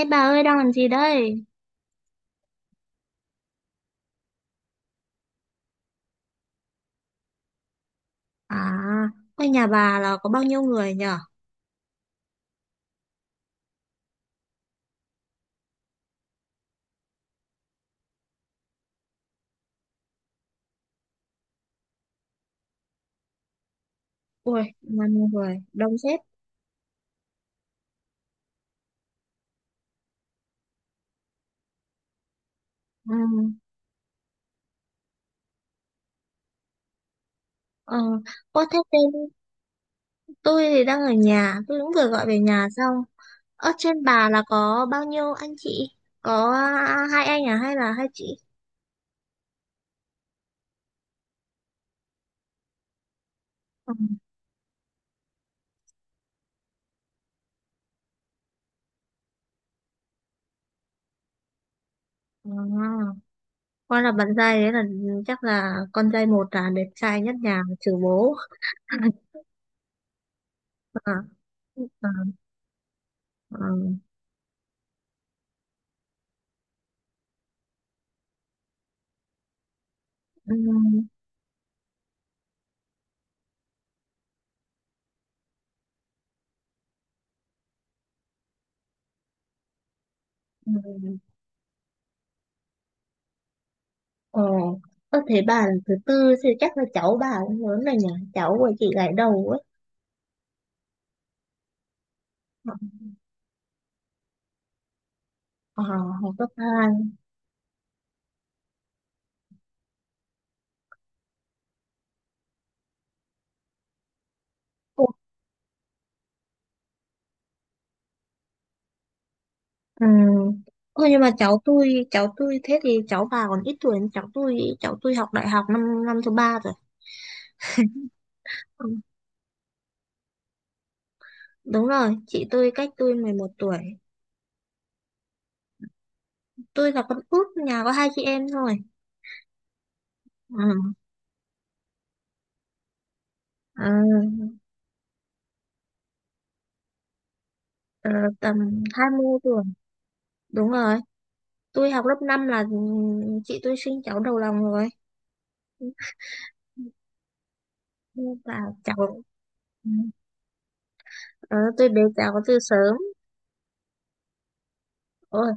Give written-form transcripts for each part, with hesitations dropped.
Ê bà ơi, đang làm gì đây? À, ở nhà bà là có bao nhiêu người nhở? Ui, bao nhiêu người? Đông xếp. Ừ. Ờ. Ô, thế tên tôi thì đang ở nhà, tôi cũng vừa gọi về nhà xong. Ở trên bà là có bao nhiêu anh chị? Có, à, hai anh à hay là hai chị? Ừ. À, con là bạn trai đấy, là chắc là con trai một là đẹp trai nhất nhà trừ bố. À. À. À. Ừ. Ừ. Ờ, ơ thế bà thứ tư thì chắc là cháu bà cũng lớn rồi nhỉ? Cháu của chị gái đầu ấy. Ờ, học cấp hai. Ồ. Ừ. Ồ, nhưng mà cháu tôi thế thì cháu bà còn ít tuổi hơn cháu tôi, ý. Cháu tôi học đại học năm năm thứ ba rồi. Ừ, đúng rồi, chị tôi cách tôi 11 tuổi. Tôi là con út, nhà có hai chị em thôi. Ừ. ờ, ờ, tầm 20 tuổi. Đúng rồi, tôi học lớp 5 là chị tôi sinh cháu đầu lòng rồi. Và cháu. Ừ. Ờ, tôi bé giáo từ sớm. Ôi,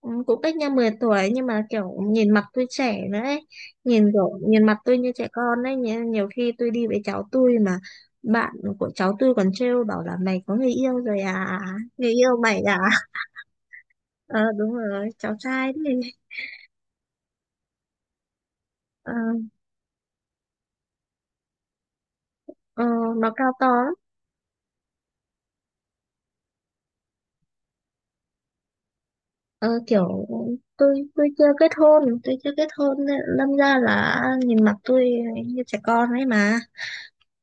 cũng cũng cách nhau 10 tuổi nhưng mà kiểu nhìn mặt tôi trẻ nữa ấy. Nhìn kiểu nhìn mặt tôi như trẻ con ấy, nhiều, nhiều khi tôi đi với cháu tôi mà bạn của cháu tôi còn trêu bảo là mày có người yêu rồi à, người yêu mày à. Ờ đúng rồi, cháu trai đấy. Ờ. Ờ, nó cao to lắm. Ờ, kiểu tôi chưa kết hôn nên lâm ra là nhìn mặt tôi như trẻ con ấy mà.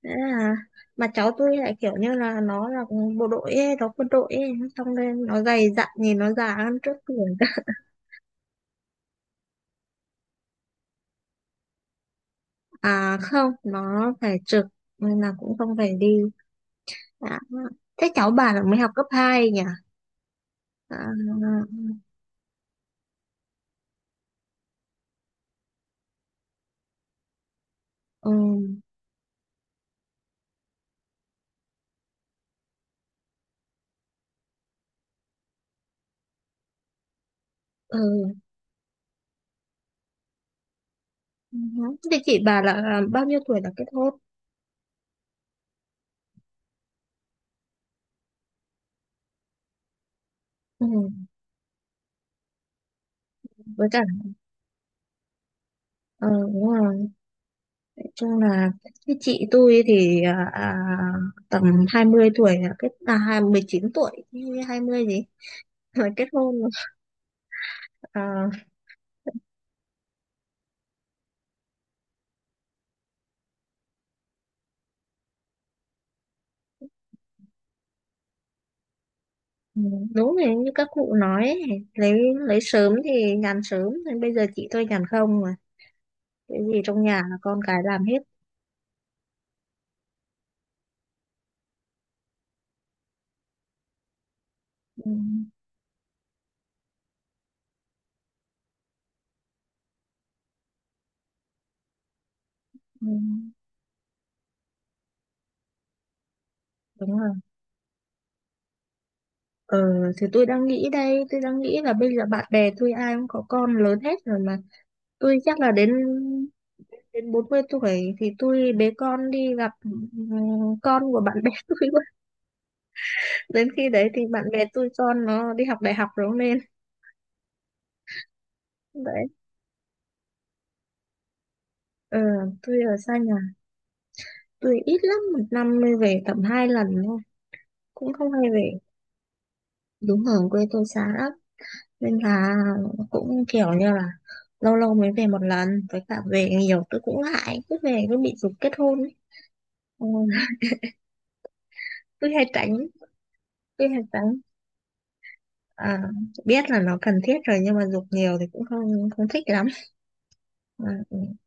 Thế là mà cháu tôi lại kiểu như là nó là bộ đội ấy, nó quân đội ấy, xong nên nó dày dặn, nhìn nó già hơn trước tuổi. À không, nó phải trực nên là cũng không phải đi. À, thế cháu bà là mới học cấp hai nhỉ. À. Ừ. Ừ. Ừ. Thế chị bà là bao nhiêu tuổi là kết hôn. Ừ. Với cả ờ đúng rồi, nói chung là cái chị tôi thì tầm 20 tuổi là 19 tuổi 20 gì. Rồi kết hôn. Ờ. Ừ, đúng rồi, như các cụ nói ấy, lấy lấy sớm thì nhàn sớm, nên bây giờ chị tôi nhàn không mà, cái gì trong nhà là con cái làm hết. Ừ. Ừ, đúng rồi. Ờ, thì tôi đang nghĩ là bây giờ bạn bè tôi ai cũng có con lớn hết rồi mà, tôi chắc là đến đến 40 tuổi thì tôi bế con đi gặp con của bạn bè tôi quá. Đến khi đấy thì bạn bè tôi con nó đi học đại học rồi nên đấy. Ờ, tôi ở xa nhà, tôi ít lắm, một năm mới về tầm hai lần thôi, cũng không hay về. Đúng, ở quê tôi xa lắm, nên là cũng kiểu như là lâu lâu mới về một lần. Với cả về nhiều tôi cũng ngại, cứ về cứ bị giục kết hôn ấy. Ừ. tôi hay tránh tôi hay tránh. À, biết là nó cần thiết rồi nhưng mà giục nhiều thì cũng không không thích lắm. À.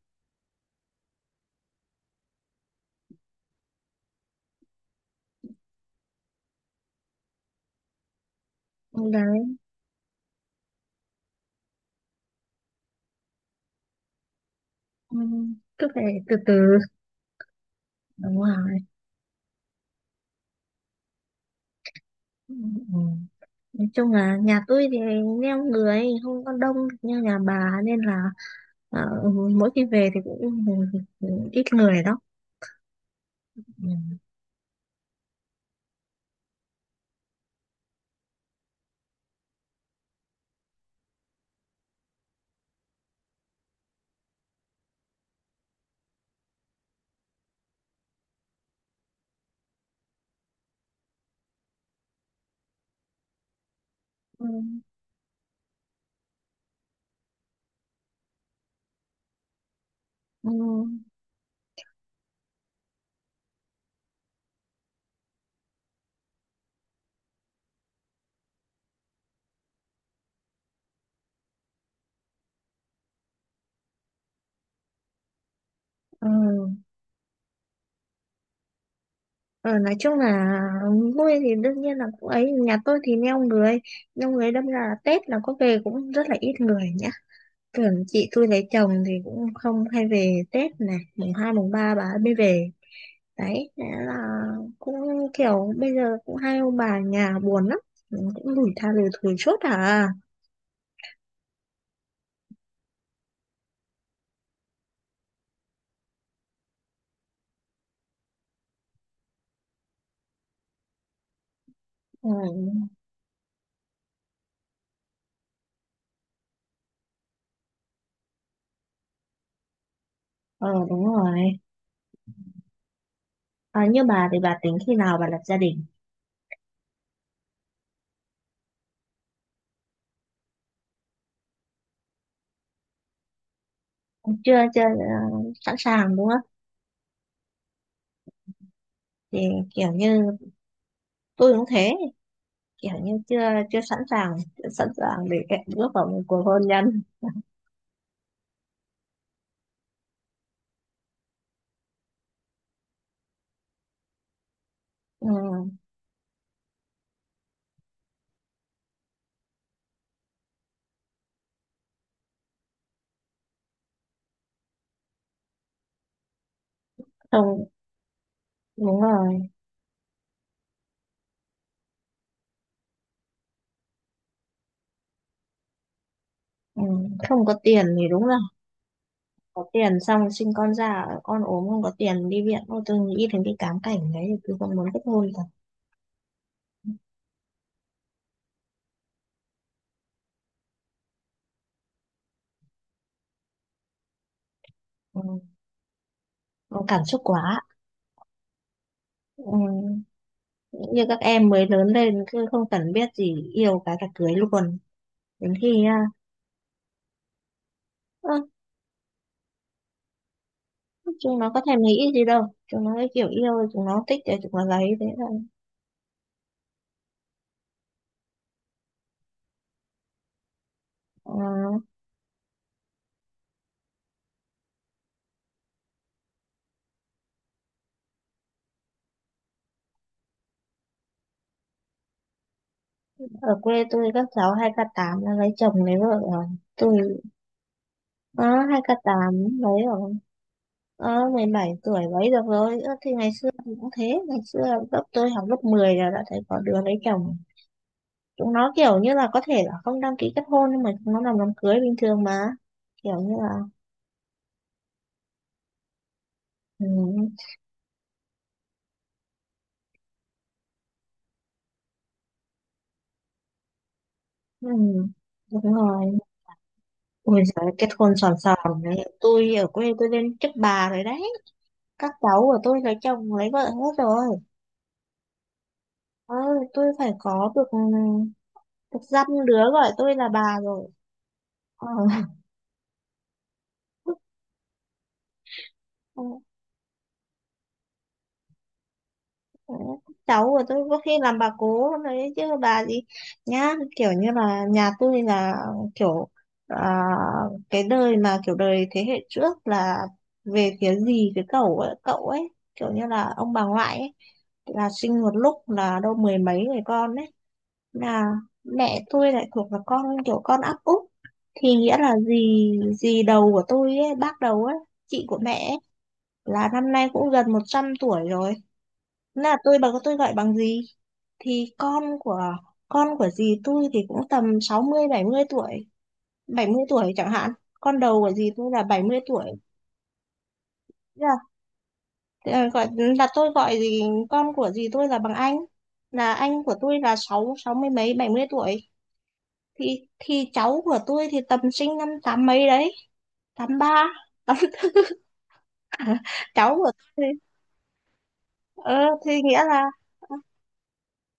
Ừ, đấy. Ừ, cứ phải từ từ, đúng rồi. Ừ. Ừ. Nói chung là nhà tôi thì neo người, không có đông như nhà bà, nên là ờ, mỗi khi về thì cũng ít người đó. Ừ. Ừ. Ừ. Ừ. Ờ, nói chung là vui thì đương nhiên là cũng ấy, nhà tôi thì neo người đâm ra là Tết là có về cũng rất là ít người nhá, tưởng chị tôi lấy chồng thì cũng không hay về Tết này, mùng hai mùng ba bà ấy mới về đấy. Thế là cũng kiểu bây giờ cũng hai ông bà nhà buồn lắm. Ừ, cũng lủi tha lủi thủi suốt à. Ừ. Ờ đúng rồi. À, như bà thì bà tính khi nào bà lập gia đình? Chưa chưa ờ, sẵn sàng đúng không, thì kiểu như tôi cũng thế, kiểu như chưa chưa sẵn sàng chưa sẵn sàng để em bước vào một cuộc hôn nhân. Ừ, không đúng rồi. Ừ, không có tiền thì đúng, có tiền xong sinh con ra con ốm không có tiền đi viện, ô tôi nghĩ đến cái cám cảnh đấy thì tôi không muốn kết hôn cả. Ừ. Nó cảm xúc quá. Ừ. Như các em mới lớn lên cứ không cần biết gì, yêu cái là cưới luôn, đến khi à, ơ, chúng nó có thèm nghĩ gì đâu, chúng nó cái kiểu yêu chúng nó thích thì chúng nó lấy thế là ờ, ở quê tôi các cháu hai k tám nó lấy chồng lấy vợ rồi. Tôi, uh, hai k tám lấy rồi. Ờ, 17 tuổi mấy được rồi. Ơ, thì ngày xưa thì cũng thế, ngày xưa lớp tôi học lớp 10 là đã thấy có đứa lấy chồng. Chúng nó kiểu như là có thể là không đăng ký kết hôn nhưng mà chúng nó làm đám cưới bình thường mà, kiểu như là ừ, ừ, đúng rồi. Ôi giời, kết hôn sòn sòn đấy, tôi ở quê tôi lên chức bà rồi đấy, các cháu của tôi lấy chồng lấy vợ hết rồi. Ờ, tôi phải có được dăm đứa gọi tôi là bà rồi. Ờ. Ừ, cháu của tôi có khi làm bà cố đấy chứ bà gì nhá, kiểu như là nhà tôi là kiểu à, cái đời mà kiểu đời thế hệ trước là về phía dì cái cậu ấy kiểu như là ông bà ngoại ấy, là sinh một lúc là đâu mười mấy người con ấy, là mẹ tôi lại thuộc là con áp út, thì nghĩa là dì dì đầu của tôi ấy, bác đầu ấy, chị của mẹ ấy, là năm nay cũng gần 100 tuổi rồi. Nên là bà tôi gọi bằng gì, thì con của dì tôi thì cũng tầm 60 70 tuổi, 70 tuổi chẳng hạn. Con đầu của dì tôi là 70 tuổi. Thế là ờ, gọi là tôi gọi gì con của dì tôi là bằng anh, là anh của tôi là sáu sáu mươi mấy 70 tuổi, thì cháu của tôi thì tầm sinh năm tám mấy đấy, 83 tám. Cháu của tôi ờ, thì nghĩa là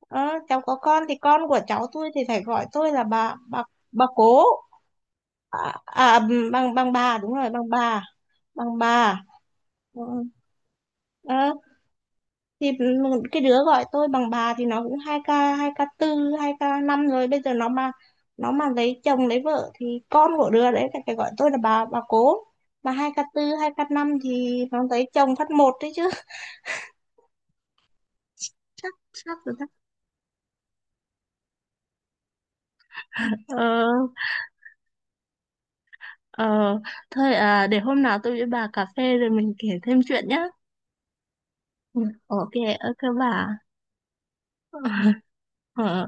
ờ, cháu có con thì con của cháu tôi thì phải gọi tôi là bà cố. À, à băng băng bà, đúng rồi, băng bà. Ừ. Ờ, thì cái đứa gọi tôi bằng bà thì nó cũng hai k tư hai k năm rồi, bây giờ nó mà lấy chồng lấy vợ thì con của đứa đấy phải phải gọi tôi là bà cố, mà hai k tư hai k năm thì nó lấy chồng phát một đấy chứ. chắc chắc rồi chắc Ờ. Ờ, thôi à, để hôm nào tôi với bà cà phê rồi mình kể thêm chuyện nhá. Ừ, ok ok bà. Ờ.